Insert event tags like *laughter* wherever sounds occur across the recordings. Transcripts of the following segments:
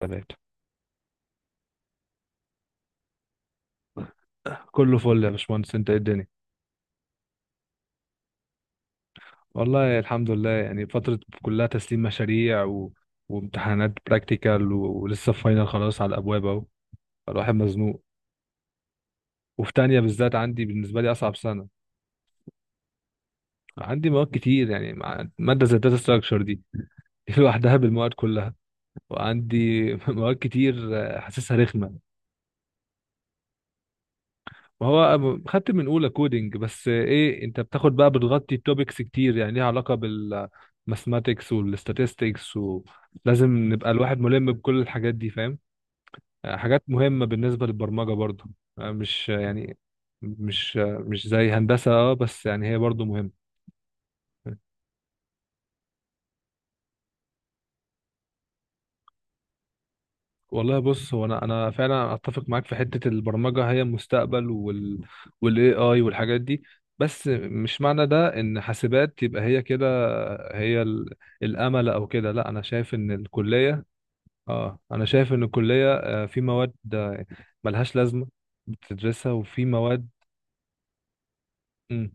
تلاتة كله فل يا باشمهندس انت ايه الدنيا. والله الحمد لله يعني فترة كلها تسليم مشاريع وامتحانات براكتيكال ولسه فاينل خلاص على الابواب اهو الواحد مزنوق. وفي تانية بالذات عندي بالنسبة لي اصعب سنة. عندي مواد كتير يعني مادة زي الداتا ستراكشر دي *laughs* لوحدها بالمواد كلها. وعندي *laughs* مواد كتير حاسسها رخمة. ما هو خدت من اولى كودينج، بس ايه، انت بتاخد بقى بتغطي توبكس كتير يعني ليها علاقه بالماثماتكس والستاتستكس، ولازم نبقى الواحد ملم بكل الحاجات دي، فاهم؟ حاجات مهمه بالنسبه للبرمجه برضه. مش يعني مش مش زي هندسه، اه، بس يعني هي برضه مهمه. والله بص، هو انا فعلا اتفق معاك في حته البرمجه هي المستقبل والاي اي والحاجات دي. بس مش معنى ده ان حاسبات يبقى هي كده هي الامل او كده، لا. انا شايف ان الكليه، اه انا شايف ان الكليه، في مواد، ملهاش لازمه بتدرسها، وفي مواد مم،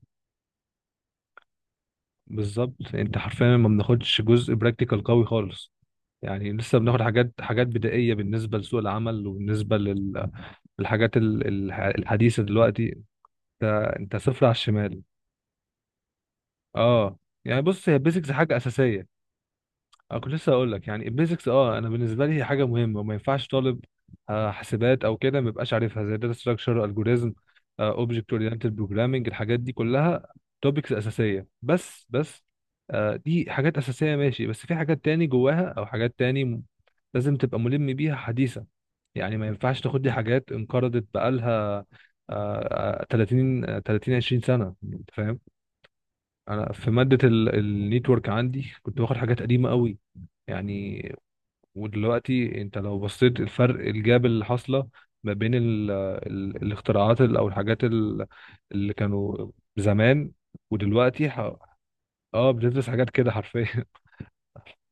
بالظبط. انت حرفيا ما بناخدش جزء براكتيكال قوي خالص، يعني لسه بناخد حاجات بدائية بالنسبة لسوق العمل وبالنسبة للحاجات الحديثة دلوقتي. انت انت صفر على الشمال. اه، يعني بص، هي بيزكس حاجة أساسية. أنا كنت لسه أقول لك، يعني البيزكس، أه، أنا بالنسبة لي هي حاجة مهمة، وما ينفعش طالب حاسبات أو كده ما يبقاش عارفها زي داتا ستراكشر، ألجوريزم، أوبجكت أورينتد بروجرامينج، الحاجات دي كلها توبكس أساسية. بس دي حاجات أساسية، ماشي، بس في حاجات تاني جواها أو حاجات تاني لازم تبقى ملم بيها، حديثة. يعني ما ينفعش تاخد دي حاجات انقرضت بقالها، آه، آه، 30 آه، 30 20 سنة أنت. انا في ماده النيتورك عندي كنت باخد حاجات قديمه قوي يعني. ودلوقتي انت لو بصيت الفرق، الجاب اللي حاصله ما بين ال ال الاختراعات او الحاجات اللي كانوا زمان ودلوقتي اه، بتدرس حاجات كده حرفيا.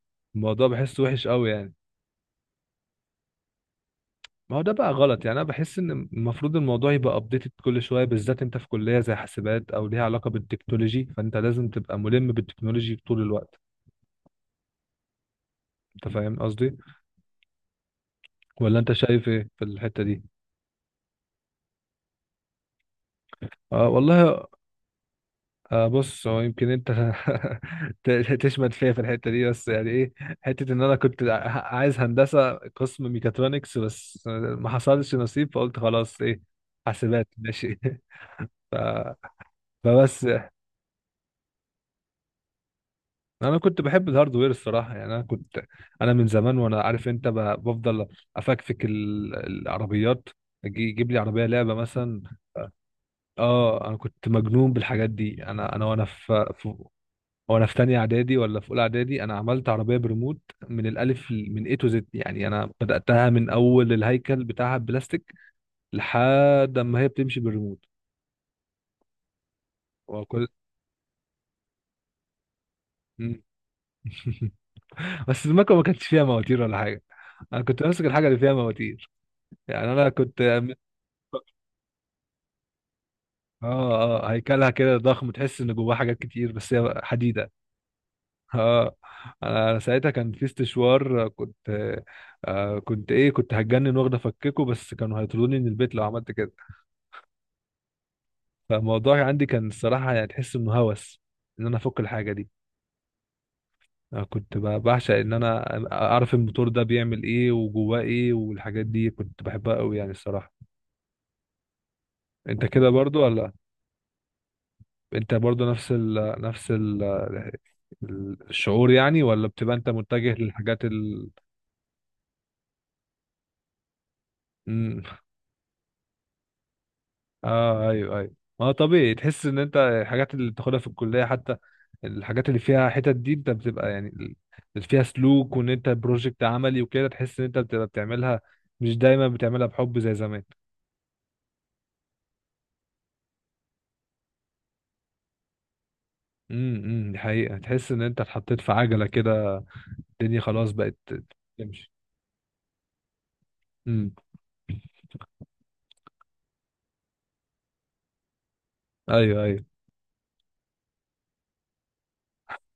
*laughs* الموضوع بحسه وحش قوي يعني. ما هو ده بقى غلط، يعني انا بحس ان المفروض الموضوع يبقى ابديتد كل شويه، بالذات انت في كليه زي حاسبات او ليها علاقه بالتكنولوجي، فانت لازم تبقى ملم بالتكنولوجي طول الوقت. انت فاهم قصدي؟ ولا انت شايف ايه في الحتة دي؟ اه والله، آه بص، هو يمكن انت *laughs* ت- تشمت فيا في الحتة دي، بس يعني ايه، حتة ان انا كنت عايز هندسة قسم ميكاترونكس بس ما حصلش نصيب، فقلت خلاص، ايه، حاسبات ماشي. *laughs* ف... فبس، انا كنت بحب الهاردوير الصراحة، يعني انا كنت، انا من زمان وانا عارف انت بفضل افكفك العربيات، اجي يجيب لي عربية لعبة مثلا. اه، انا كنت مجنون بالحاجات دي، انا وانا في تانية اعدادي ولا في اولى اعدادي انا عملت عربيه بريموت، من الالف من اي تو زد، يعني انا بداتها من اول الهيكل بتاعها بلاستيك لحد ما هي بتمشي بالريموت. وكل مم. *laughs* بس المكوه ما كانتش فيها مواتير ولا حاجه، انا كنت ماسك الحاجه اللي فيها مواتير، يعني انا كنت اه اه، هيكلها كده ضخم تحس ان جواها حاجات كتير بس هي حديده. *laughs* اه، انا ساعتها كان في استشوار، كنت، آه، كنت ايه، كنت هتجنن واخده افككه، بس كانوا هيطردوني من البيت لو عملت كده. فالموضوع عندي كان الصراحة يعني تحس انه هوس، ان انا افك الحاجة دي. انا كنت بعشق ان انا اعرف الموتور ده بيعمل ايه وجواه ايه، والحاجات دي كنت بحبها قوي يعني الصراحة. انت كده برضو ولا؟ انت برضو نفس ال نفس ال الشعور يعني، ولا بتبقى انت متجه للحاجات اه ايوه ايوه. ما هو طبيعي تحس ان انت الحاجات اللي بتاخدها في الكليه حتى، الحاجات اللي فيها حتت دي انت بتبقى يعني اللي فيها سلوك وان انت بروجكت عملي وكده، تحس ان انت بتبقى بتعملها، مش دايما بتعملها بحب زي زمان. امم، دي حقيقه، تحس ان انت اتحطيت في عجله كده، الدنيا خلاص بقت تمشي. امم، ايوه ايوه.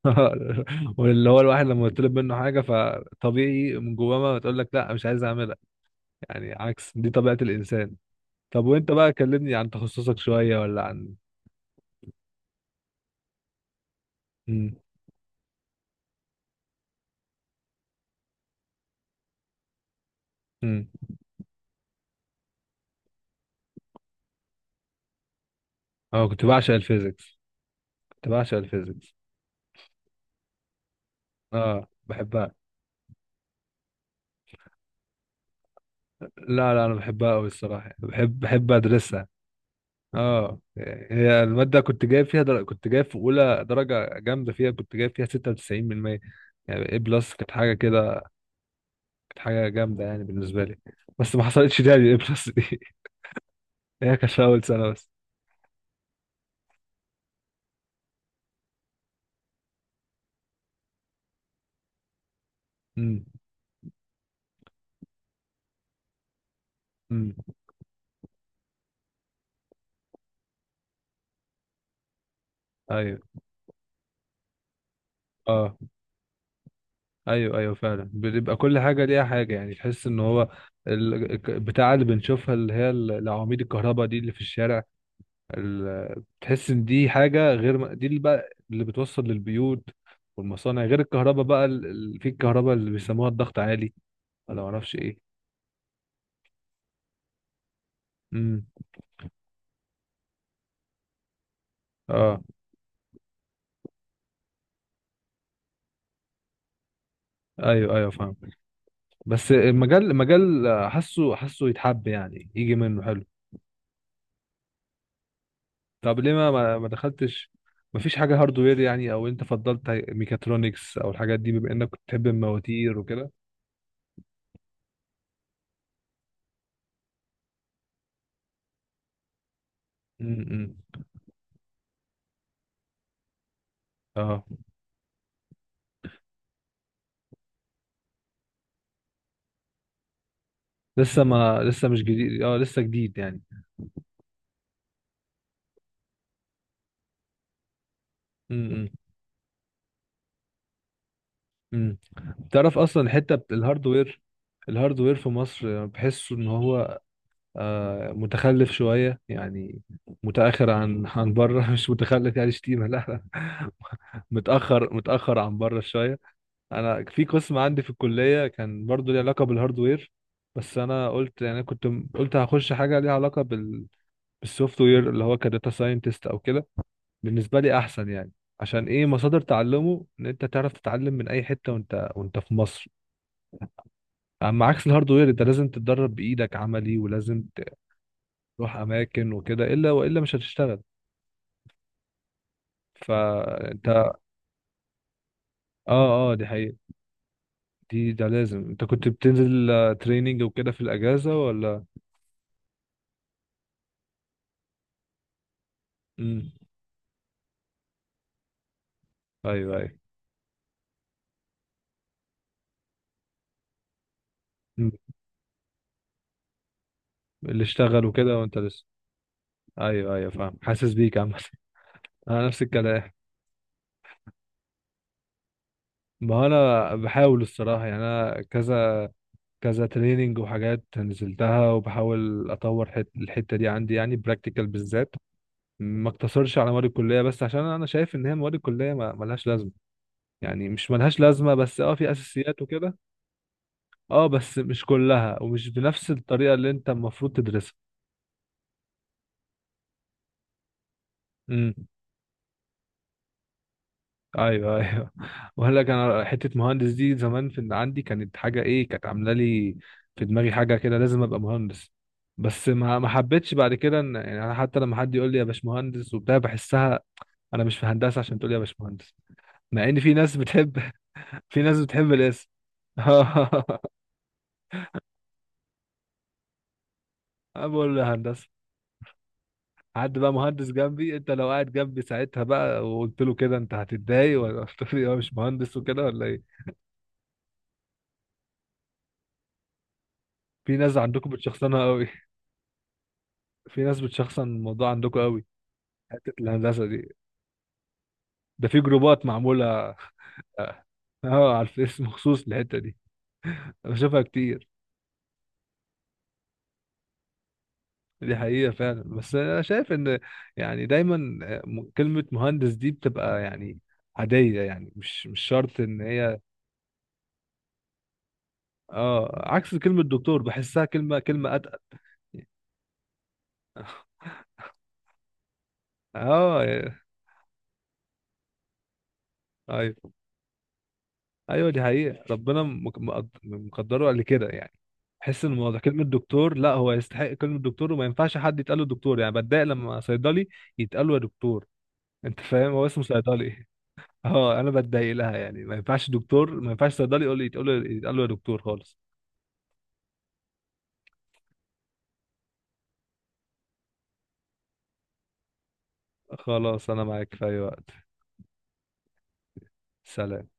*laughs* واللي هو الواحد لما يطلب منه حاجه فطبيعي من جواه ما تقول لك لا، مش عايز اعملها، يعني عكس دي طبيعه الانسان. طب وانت بقى كلمني عن تخصصك شوية ولا عن، امم، امم، اه، كنت بعشق الفيزيكس، كنت بعشق الفيزيكس. اه بحبها. لا لا، انا بحبها قوي الصراحة، بحب ادرسها. اه، هي المادة كنت جايب فيها كنت جايب في اولى درجة جامدة فيها، كنت جايب فيها 96%، يعني اي بلس، كانت حاجة كده، كانت حاجة جامدة يعني بالنسبة لي. بس ما حصلتش تاني الاي بلس دي. *laughs* هي كانت في اول سنة بس. امم، امم، ايوه، اه، ايوه ايوه فعلا، بيبقى كل حاجه ليها حاجه، يعني تحس ان هو بتاع اللي بنشوفها اللي هي العواميد الكهرباء دي اللي في الشارع، بتحس ان دي حاجه غير دي اللي بقى اللي بتوصل للبيوت والمصانع، غير الكهرباء بقى في الكهرباء اللي بيسموها الضغط عالي ولا معرفش ايه. امم، اه ايوه ايوه فاهم. بس المجال، المجال، حاسه يتحب، يعني يجي منه حلو. طب ليه ما دخلتش، ما فيش حاجة هاردوير يعني، او انت فضلت ميكاترونكس او الحاجات دي بما انك كنت بتحب المواتير وكده؟ امم، اه، لسه مش جديد، اه لسه جديد يعني. امم، امم. تعرف اصلا الحتة الهاردوير، الهاردوير في مصر بحسه ان هو آه متخلف شوية يعني، متأخر عن بره، *laughs* مش متخلف يعني، شتيمة، لا لا. *laughs* متأخر، متأخر عن بره شوية. انا في قسم عندي في الكليه كان برضو ليه علاقه بالهاردوير، بس انا قلت يعني كنت قلت هخش حاجه ليها علاقه بالسوفت وير، اللي هو كداتا ساينتست او كده، بالنسبه لي احسن يعني. عشان ايه، مصادر تعلمه، ان انت تعرف تتعلم من اي حته وانت في مصر. اما عكس الهاردوير، انت لازم تتدرب بايدك عملي، ولازم تروح اماكن وكده، الا والا مش هتشتغل. فانت اه، اه دي حقيقه، ده لازم. انت كنت بتنزل تريننج وكده في الاجازه ولا؟ امم، ايوه ايوه، اللي اشتغل وكده وانت لسه. ايوه ايوه فاهم، حاسس بيك عامة. *laughs* انا نفس الكلام. ما انا بحاول الصراحة، يعني انا كذا تريننج وحاجات نزلتها، وبحاول اطور الحتة دي عندي، يعني براكتيكال بالذات، ما اقتصرش على مواد الكلية بس، عشان انا شايف ان هي مواد الكلية ما ملهاش لازمة، يعني مش ملهاش لازمة بس، اه، في اساسيات وكده، اه بس مش كلها ومش بنفس الطريقة اللي انت المفروض تدرسها. امم. ايوه ايوه. وقال لك، انا حته مهندس دي زمان في عندي كانت حاجه، ايه، كانت عامله لي في دماغي حاجه كده، لازم ابقى مهندس. بس ما ما حبيتش بعد كده، ان يعني انا حتى لما حد يقول لي يا باشمهندس وبتاع بحسها، انا مش في هندسه عشان تقول لي يا باشمهندس، مع ان في ناس بتحب. *laughs* في ناس بتحب الاسم. *laughs* انا بقول له هندسه. حد بقى مهندس جنبي، انت لو قاعد جنبي ساعتها بقى وقلت له كده، انت هتتضايق ولا *laughs* هتقول لي يا مش مهندس وكده ولا ايه؟ في ناس عندكم بتشخصنها قوي، في ناس بتشخصن الموضوع عندكم قوي، حتة الهندسة دي ده في جروبات معمولة. *laughs* اه على الفيس مخصوص للحتة دي، انا بشوفها كتير. دي حقيقة فعلا، بس انا شايف ان، يعني دايما، كلمة مهندس دي بتبقى يعني عادية، يعني مش مش شرط ان هي، اه عكس كلمة دكتور بحسها كلمة، اتقل. اه، آه، ايوه ايوه دي حقيقة، ربنا مقدره قبل كده يعني، حس ان الموضوع كلمة دكتور، لا هو يستحق كلمة دكتور، وما ينفعش حد يتقال له دكتور، يعني بتضايق لما صيدلي يتقال له يا دكتور، انت فاهم، هو اسمه صيدلي. *laughs* اه، انا بتضايق لها يعني، ما ينفعش دكتور، ما ينفعش صيدلي يقول لي يتقال له يا دكتور خالص. خلاص، انا معاك في اي وقت. سلام.